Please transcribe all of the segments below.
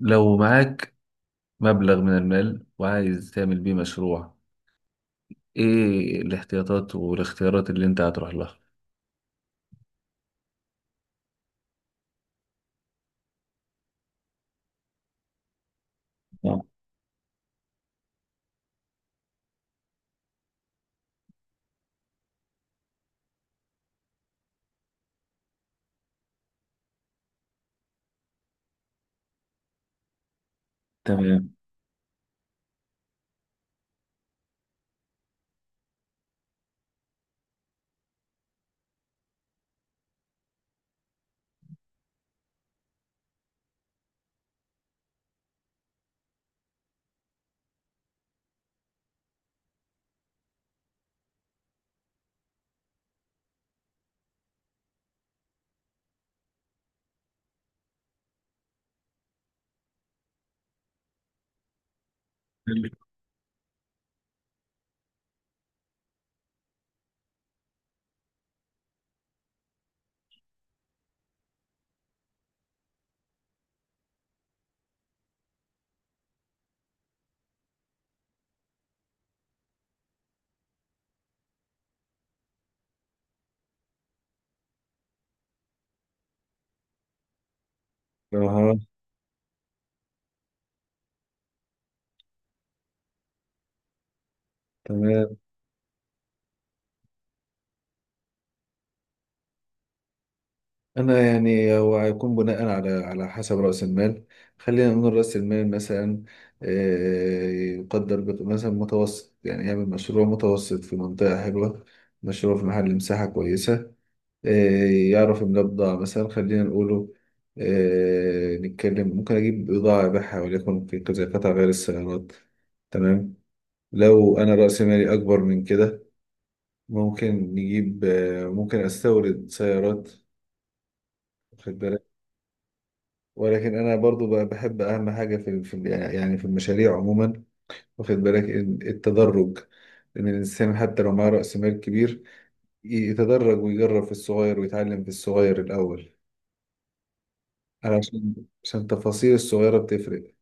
لو معاك مبلغ من المال وعايز تعمل بيه مشروع، ايه الاحتياطات والاختيارات اللي انت هتروح لها؟ آه، تمام. حلو. اها. تمام. انا يعني هو هيكون بناء على حسب راس المال. خلينا نقول راس المال مثلا. آه، يقدر مثلا متوسط، يعني يعمل مشروع متوسط في منطقه حلوه، مشروع في محل مساحه كويسه. آه، يعرف المبضع، مثلا خلينا نقوله نتكلم، ممكن أجيب بضاعة أبيعها وليكن في كذا قطع غير السيارات. تمام. لو أنا رأس مالي أكبر من كده، ممكن نجيب ممكن أستورد سيارات، واخد بالك. ولكن أنا برضو بقى بحب أهم حاجة في يعني في المشاريع عموما، واخد بالك التدرج، إن الإنسان حتى لو معاه رأس مال كبير يتدرج ويجرب في الصغير ويتعلم في الصغير الأول، علشان، عشان التفاصيل الصغيرة بتفرق.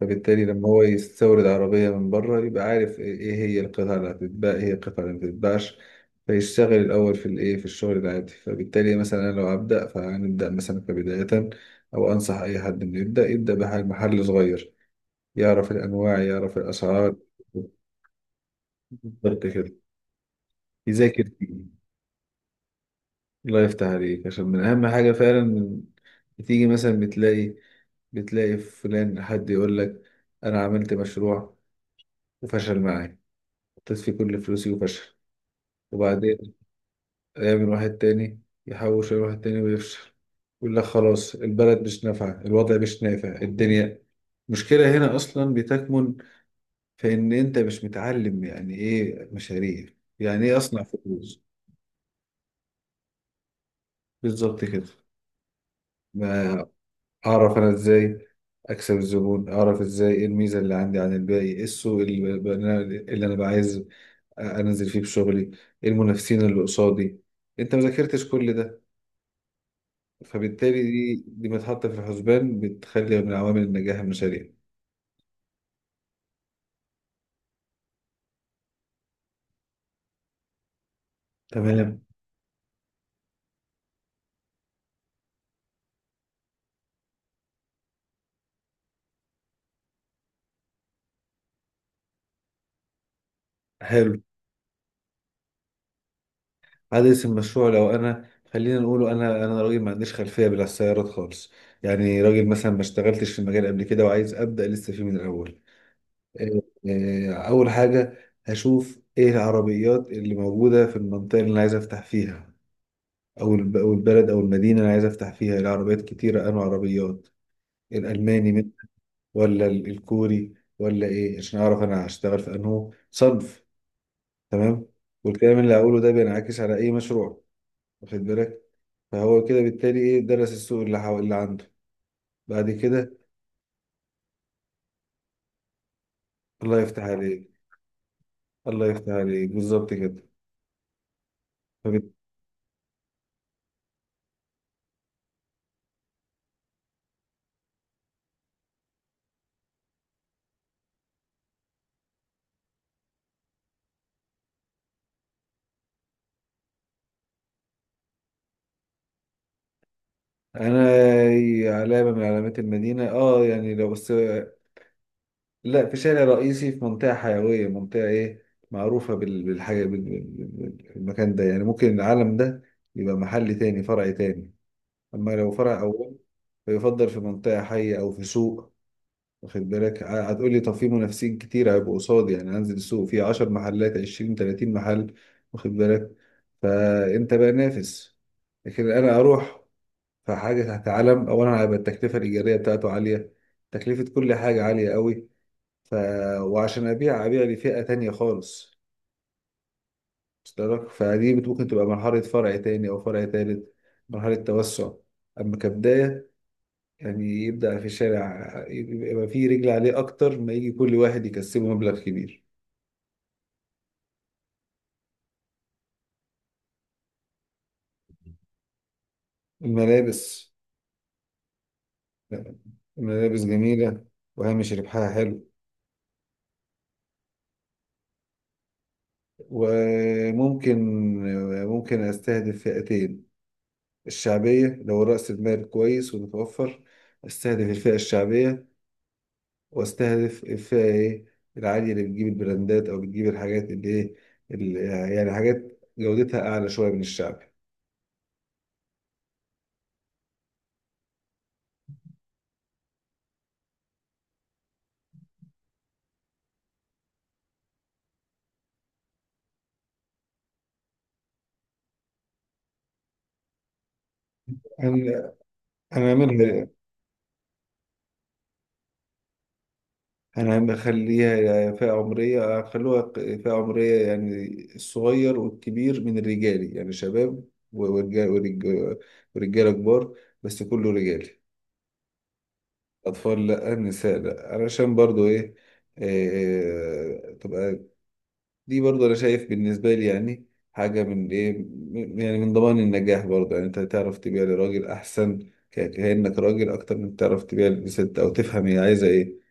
فبالتالي لما هو يستورد عربية من بره يبقى عارف إيه هي القطع اللي هتتباع، ايه هي القطع اللي مبتتباعش، فيشتغل الأول في الايه، في الشغل العادي. فبالتالي مثلا أنا لو هبدأ فهنبدأ مثلا كبداية، أو أنصح أي حد إنه يبدأ بمحل صغير، يعرف الأنواع يعرف الأسعار. بالظبط كده، يذاكر فيه. الله يفتح عليك، عشان من أهم حاجة فعلا. من، بتيجي مثلا بتلاقي فلان حد يقول لك: انا عملت مشروع وفشل معايا، حطيت فيه كل فلوسي وفشل، وبعدين يعمل واحد تاني، يحوش يعمل واحد تاني ويفشل، يقول لك خلاص البلد مش نافعة، الوضع مش نافع، الدنيا. المشكلة هنا أصلا بتكمن في إن أنت مش متعلم يعني إيه مشاريع، يعني إيه أصنع فلوس. بالظبط كده. ما أعرف أنا إزاي أكسب الزبون، أعرف إزاي إيه الميزة اللي عندي عن الباقي، إيه السوق اللي أنا، اللي أنا بعايز انزل فيه بشغلي، ايه المنافسين اللي قصادي. انت ما ذاكرتش كل ده، فبالتالي دي متحطه في الحسبان، بتخلي من عوامل النجاح المشاريع. تمام. حلو. عدد المشروع، لو انا خلينا نقوله، انا انا راجل ما عنديش خلفيه بالسيارات خالص، يعني راجل مثلا ما اشتغلتش في المجال قبل كده وعايز ابدا لسه فيه من الاول. آه، اول حاجه، هشوف ايه العربيات اللي موجوده في المنطقه اللي انا عايز افتح فيها، أو البلد او المدينه اللي انا عايز افتح فيها، العربيات كتيره، انواع عربيات، الالماني من، ولا الكوري، ولا ايه، عشان اعرف انا هشتغل في انه صنف. تمام. والكلام اللي هقوله ده بينعكس على اي مشروع، واخد بالك. فهو كده بالتالي ايه، درس السوق اللي عنده. بعد كده، الله يفتح عليك. الله يفتح عليك بالظبط كده. فبت... انا، علامه من علامات المدينه، يعني لو بس، لا، في شارع رئيسي، في منطقه حيويه، منطقه ايه معروفه بالحاجه، بالمكان ده، يعني ممكن العالم ده يبقى محل تاني، فرع تاني. أما لو فرع أول فيفضل في منطقة حية أو في سوق، واخد بالك. هتقولي طب في منافسين كتير هيبقوا قصادي، يعني أنزل السوق فيه 10 محلات، 20، 30 محل. واخد بالك، فأنت بقى نافس. لكن أنا أروح في حاجة تحت علم، أولا هيبقى التكلفة الإيجارية بتاعته عالية، تكلفة كل حاجة عالية قوي، ف... وعشان أبيع لفئة تانية خالص، وصل لك؟ فدي ممكن تبقى مرحلة فرع تاني أو فرع تالت، مرحلة توسع. أما كبداية يعني يبدأ في الشارع، يبقى فيه رجل عليه أكتر، ما يجي كل واحد يكسبه مبلغ كبير. الملابس. الملابس جميلة، وهامش ربحها حلو. وممكن، ممكن أستهدف فئتين، الشعبية لو رأس المال كويس ومتوفر، أستهدف الفئة الشعبية، وأستهدف الفئة إيه، العالية، اللي بتجيب البراندات أو بتجيب الحاجات اللي- يعني حاجات جودتها أعلى شوية من الشعب. أنا، أنا أعملها. انا بخليها فئة عمرية، اخلوها فئة عمرية، يعني الصغير والكبير من الرجالي، يعني شباب ورجال، ورجال ورجالة كبار، بس كله رجالي. اطفال لا، نساء لا، علشان برضو ايه، تبقى، دي برضو انا شايف بالنسبة لي، يعني حاجة من ايه، يعني من ضمان النجاح برضو، يعني انت تعرف تبيع لراجل احسن، كأنك راجل، اكتر من تعرف تبيع لست او تفهم هي عايزة ايه.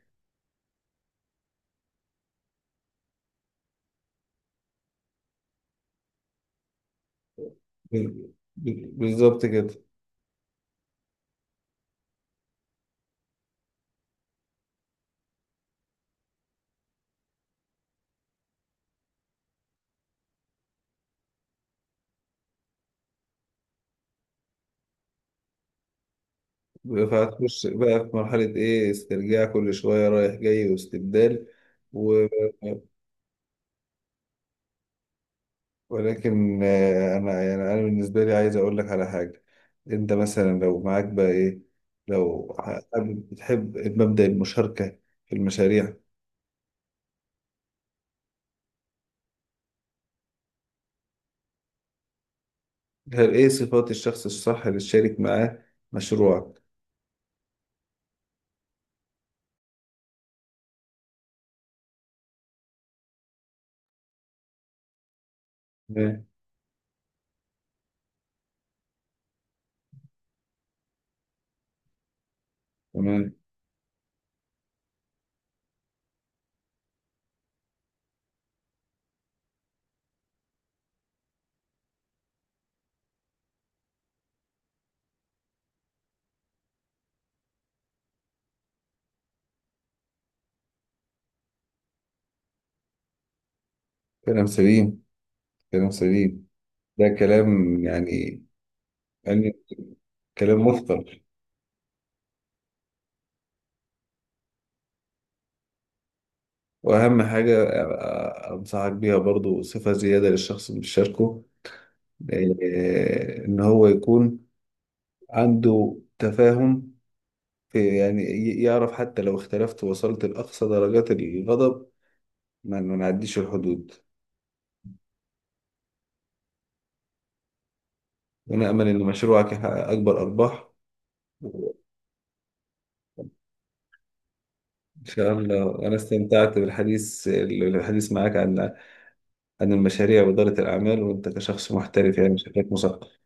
بال- بالظبط كده. فهتخش بقى في مرحلة إيه، استرجاع كل شوية رايح جاي واستبدال، و... ولكن أنا يعني أنا بالنسبة لي عايز أقول لك على حاجة. أنت مثلا لو معاك بقى إيه، لو بتحب مبدأ المشاركة في المشاريع، هل إيه صفات الشخص الصح اللي تشارك معاه مشروعك؟ تمام، تمام. كلام سليم، كلام سليم. ده كلام يعني، يعني كلام مفصل. واهم حاجه، انصحك بيها برضو، صفه زياده للشخص اللي بيشاركه، ان هو يكون عنده تفاهم في، يعني يعرف حتى لو اختلفت ووصلت لاقصى درجات الغضب، ما نعديش الحدود. وانا امل ان مشروعك يحقق اكبر ارباح. ان شاء الله، انا استمتعت بالحديث، معاك عن عن المشاريع واداره الاعمال، وانت كشخص محترف يعني شكلك مثقف.